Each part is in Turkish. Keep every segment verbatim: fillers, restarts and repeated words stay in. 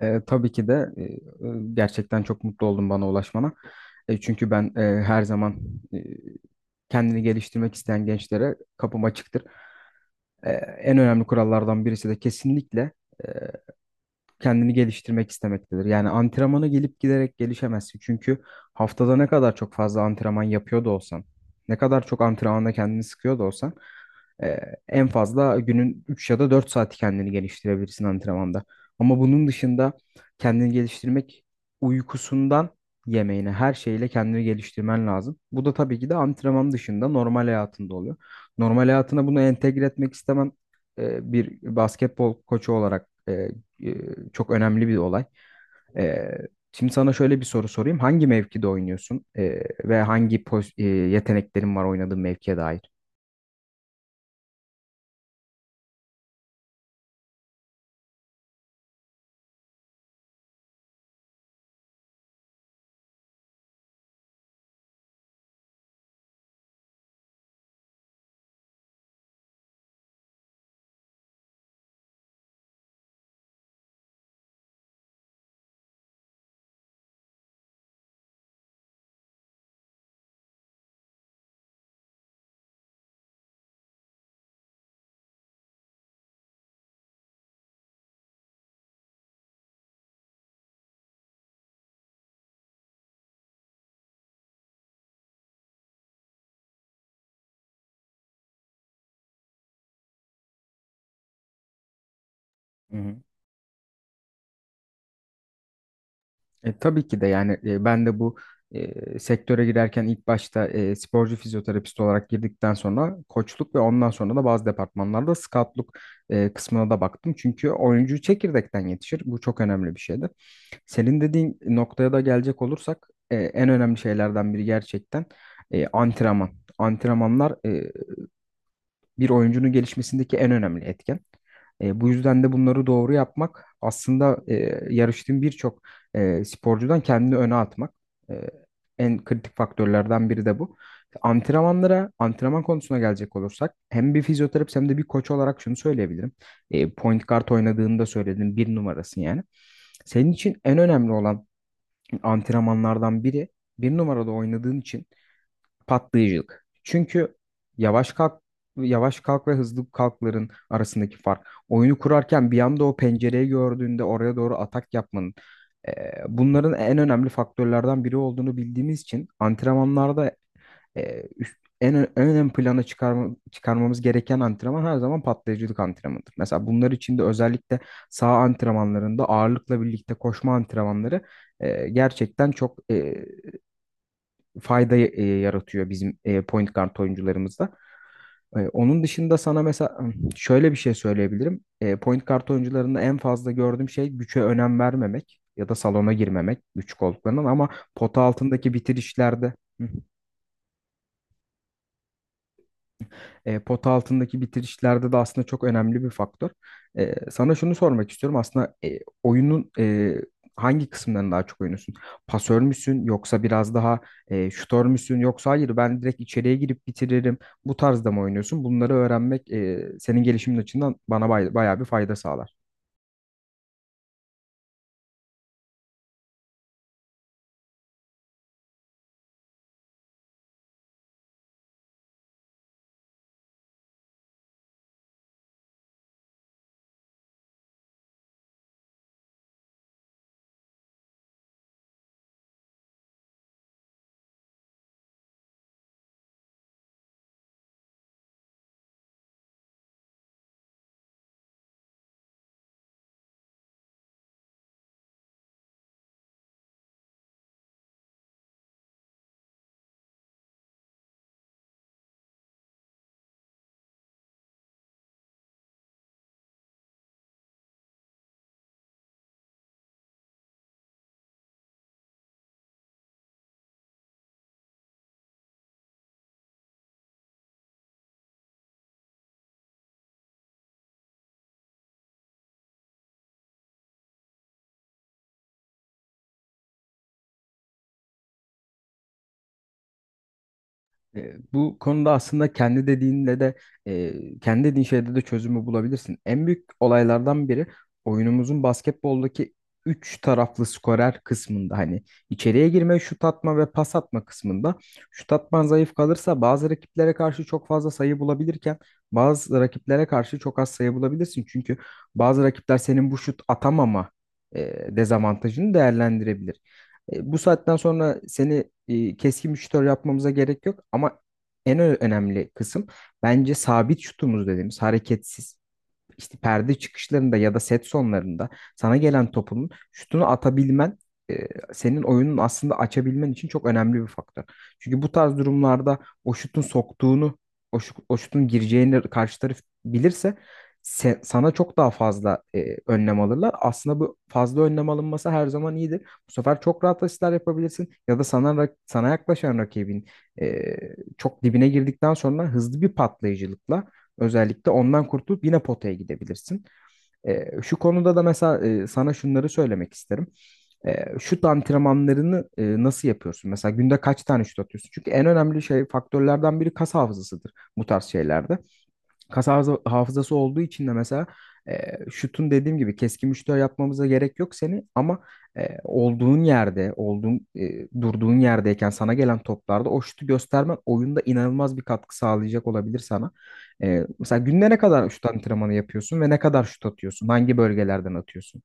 E, tabii ki de e, e, gerçekten çok mutlu oldum bana ulaşmana. E, çünkü ben e, her zaman e, kendini geliştirmek isteyen gençlere kapım açıktır. E, en önemli kurallardan birisi de kesinlikle kendini geliştirmek istemektedir. Yani antrenmana gelip giderek gelişemezsin. Çünkü haftada ne kadar çok fazla antrenman yapıyor da olsan, ne kadar çok antrenmanda kendini sıkıyor da olsan, e, en fazla günün üç ya da dört saati kendini geliştirebilirsin antrenmanda. Ama bunun dışında kendini geliştirmek uykusundan yemeğine her şeyle kendini geliştirmen lazım. Bu da tabii ki de antrenman dışında normal hayatında oluyor. Normal hayatına bunu entegre etmek istemem e, bir basketbol koçu olarak e, e, çok önemli bir olay. E, Şimdi sana şöyle bir soru sorayım. Hangi mevkide oynuyorsun E, ve hangi poz- e, yeteneklerin var oynadığın mevkiye dair? Hı hı. E, tabii ki de yani e, ben de bu e, sektöre girerken ilk başta e, sporcu fizyoterapist olarak girdikten sonra koçluk ve ondan sonra da bazı departmanlarda scoutluk e, kısmına da baktım. Çünkü oyuncu çekirdekten yetişir. Bu çok önemli bir şeydir. Senin dediğin noktaya da gelecek olursak e, en önemli şeylerden biri gerçekten e, antrenman. Antrenmanlar e, bir oyuncunun gelişmesindeki en önemli etken. E, bu yüzden de bunları doğru yapmak aslında e, yarıştığın birçok e, sporcudan kendini öne atmak. E, En kritik faktörlerden biri de bu. Antrenmanlara, antrenman konusuna gelecek olursak hem bir fizyoterapist hem de bir koç olarak şunu söyleyebilirim. E, point guard oynadığında söyledim, bir numarasın yani. Senin için en önemli olan antrenmanlardan biri bir numarada oynadığın için patlayıcılık. Çünkü yavaş kalk yavaş kalk ve hızlı kalkların arasındaki fark. Oyunu kurarken bir anda o pencereyi gördüğünde oraya doğru atak yapmanın e, bunların en önemli faktörlerden biri olduğunu bildiğimiz için antrenmanlarda e, üst- en, ö- en ön plana çıkarma, çıkarmamız gereken antrenman her zaman patlayıcılık antrenmanıdır. Mesela bunlar için de özellikle sağ antrenmanlarında ağırlıkla birlikte koşma antrenmanları e, gerçekten çok e, fayda y- e, yaratıyor bizim e, point guard oyuncularımızda. E, onun dışında sana mesela şöyle bir şey söyleyebilirim. E, point guard oyuncularında en fazla gördüğüm şey güçe önem vermemek ya da salona girmemek güç olduklarından ama pota altındaki bitirişlerde. Hı. E, pota altındaki bitirişlerde de aslında çok önemli bir faktör. E, sana şunu sormak istiyorum. Aslında e, oyunun e, hangi kısımlarını daha çok oynuyorsun? Pasör müsün yoksa biraz daha e, şutör müsün yoksa hayır ben direkt içeriye girip bitiririm. Bu tarzda mı oynuyorsun? Bunları öğrenmek e, senin gelişimin açısından bana bay- bayağı bir fayda sağlar. E, Bu konuda aslında kendi dediğinde de e, kendi dediğin şeyde de çözümü bulabilirsin. En büyük olaylardan biri oyunumuzun basketboldaki üç taraflı skorer kısmında hani içeriye girme, şut atma ve pas atma kısmında şut atman zayıf kalırsa bazı rakiplere karşı çok fazla sayı bulabilirken bazı rakiplere karşı çok az sayı bulabilirsin. Çünkü bazı rakipler senin bu şut atamama e, dezavantajını değerlendirebilir. E, bu saatten sonra seni e, keskin bir şutör yapmamıza gerek yok ama en ö- önemli kısım bence sabit şutumuz dediğimiz hareketsiz işte perde çıkışlarında ya da set sonlarında sana gelen topunun şutunu atabilmen e, senin oyunun aslında açabilmen için çok önemli bir faktör. Çünkü bu tarz durumlarda o şutun soktuğunu, o, şu- o şutun gireceğini karşı taraf bilirse se- sana çok daha fazla e, önlem alırlar. Aslında bu fazla önlem alınması her zaman iyidir. Bu sefer çok rahat asistler yapabilirsin ya da sana rak- sana yaklaşan rakibin e, çok dibine girdikten sonra hızlı bir patlayıcılıkla özellikle ondan kurtulup yine potaya gidebilirsin. E, şu konuda da mesela e, sana şunları söylemek isterim. E, şut antrenmanlarını e, nasıl yapıyorsun? Mesela günde kaç tane şut atıyorsun? Çünkü en önemli şey faktörlerden biri kas hafızasıdır bu tarz şeylerde kas hafıza- hafızası olduğu için de mesela e, şutun dediğim gibi keskin bir yapmamıza gerek yok seni ama e, olduğun yerde, olduğun e, durduğun yerdeyken sana gelen toplarda o şutu göstermen oyunda inanılmaz bir katkı sağlayacak olabilir sana. E, mesela günde ne kadar şut antrenmanı yapıyorsun ve ne kadar şut atıyorsun? Hangi bölgelerden atıyorsun?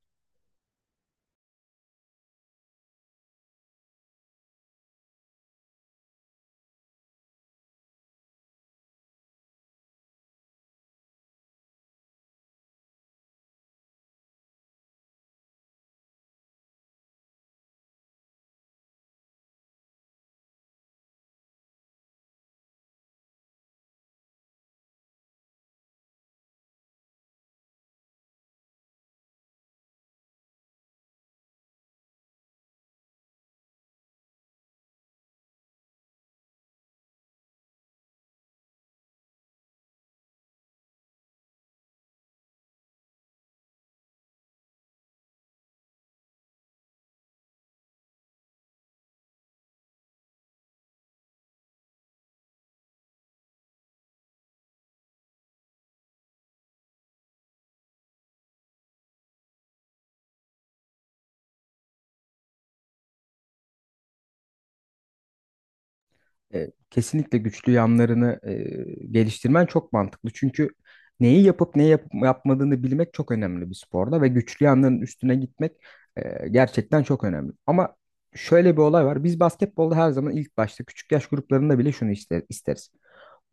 E, kesinlikle güçlü yanlarını e, geliştirmen çok mantıklı. Çünkü neyi yapıp neyi yapıp yapmadığını bilmek çok önemli bir sporda ve güçlü yanların üstüne gitmek e, gerçekten çok önemli. Ama şöyle bir olay var. Biz basketbolda her zaman ilk başta küçük yaş gruplarında bile şunu iste- isteriz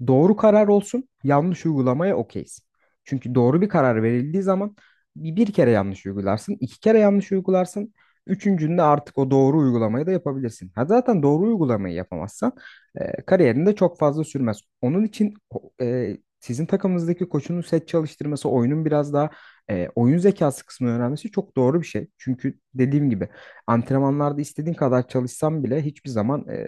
doğru karar olsun, yanlış uygulamaya okeyiz. Çünkü doğru bir karar verildiği zaman bir, bir kere yanlış uygularsın, iki kere yanlış uygularsın, üçüncünde artık o doğru uygulamayı da yapabilirsin. Ha zaten doğru uygulamayı yapamazsan e, kariyerinde çok fazla sürmez. Onun için e, sizin takımınızdaki koçunun set çalıştırması, oyunun biraz daha e, oyun zekası kısmını öğrenmesi çok doğru bir şey. Çünkü dediğim gibi antrenmanlarda istediğin kadar çalışsan bile hiçbir zaman e,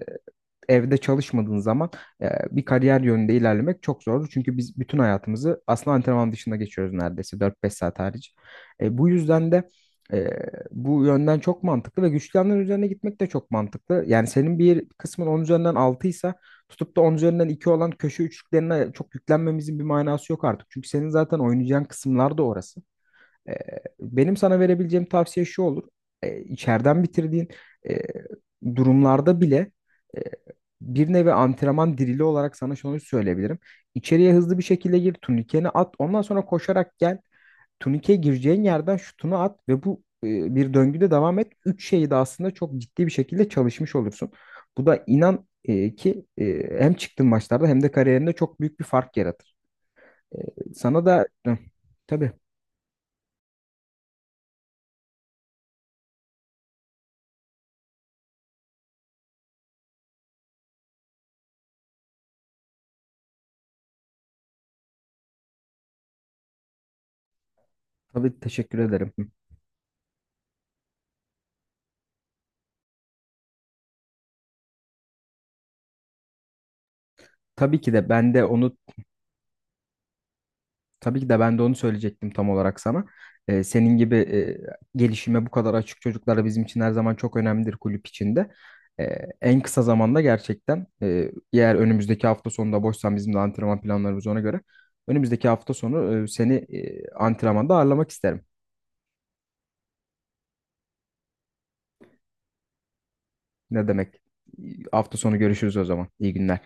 evde çalışmadığın zaman e, bir kariyer yönünde ilerlemek çok zor. Çünkü biz bütün hayatımızı aslında antrenman dışında geçiyoruz neredeyse dört beş saat hariç. E, bu yüzden de e, bu yönden çok mantıklı ve güçlü yanların üzerine gitmek de çok mantıklı. Yani senin bir kısmın on üzerinden altı ise tutup da on üzerinden iki olan köşe üçlüklerine çok yüklenmemizin bir manası yok artık. Çünkü senin zaten oynayacağın kısımlar da orası. Ee, Benim sana verebileceğim tavsiye şu olur. Ee, içeriden bitirdiğin e, durumlarda bile e, bir nevi antrenman dirili olarak sana şunu söyleyebilirim. İçeriye hızlı bir şekilde gir, turnikeni at, ondan sonra koşarak gel. Turnikeye gireceğin yerden şutunu at ve bu e, bir döngüde devam et. Üç şeyi de aslında çok ciddi bir şekilde çalışmış olursun. Bu da inan e, ki e, hem çıktığın maçlarda hem de kariyerinde çok büyük bir fark yaratır. E, sana da Hı, tabii Tabii, teşekkür ederim. Tabii ki de ben de onu tabii ki de ben de onu söyleyecektim tam olarak sana. Ee, senin gibi e, gelişime bu kadar açık çocuklar bizim için her zaman çok önemlidir kulüp içinde. Ee, en kısa zamanda gerçekten e, eğer önümüzdeki hafta sonunda boşsan bizim de antrenman planlarımız ona göre önümüzdeki hafta sonu e, seni e, antrenmanda ağırlamak isterim. Ne demek? Hafta sonu görüşürüz o zaman. İyi günler.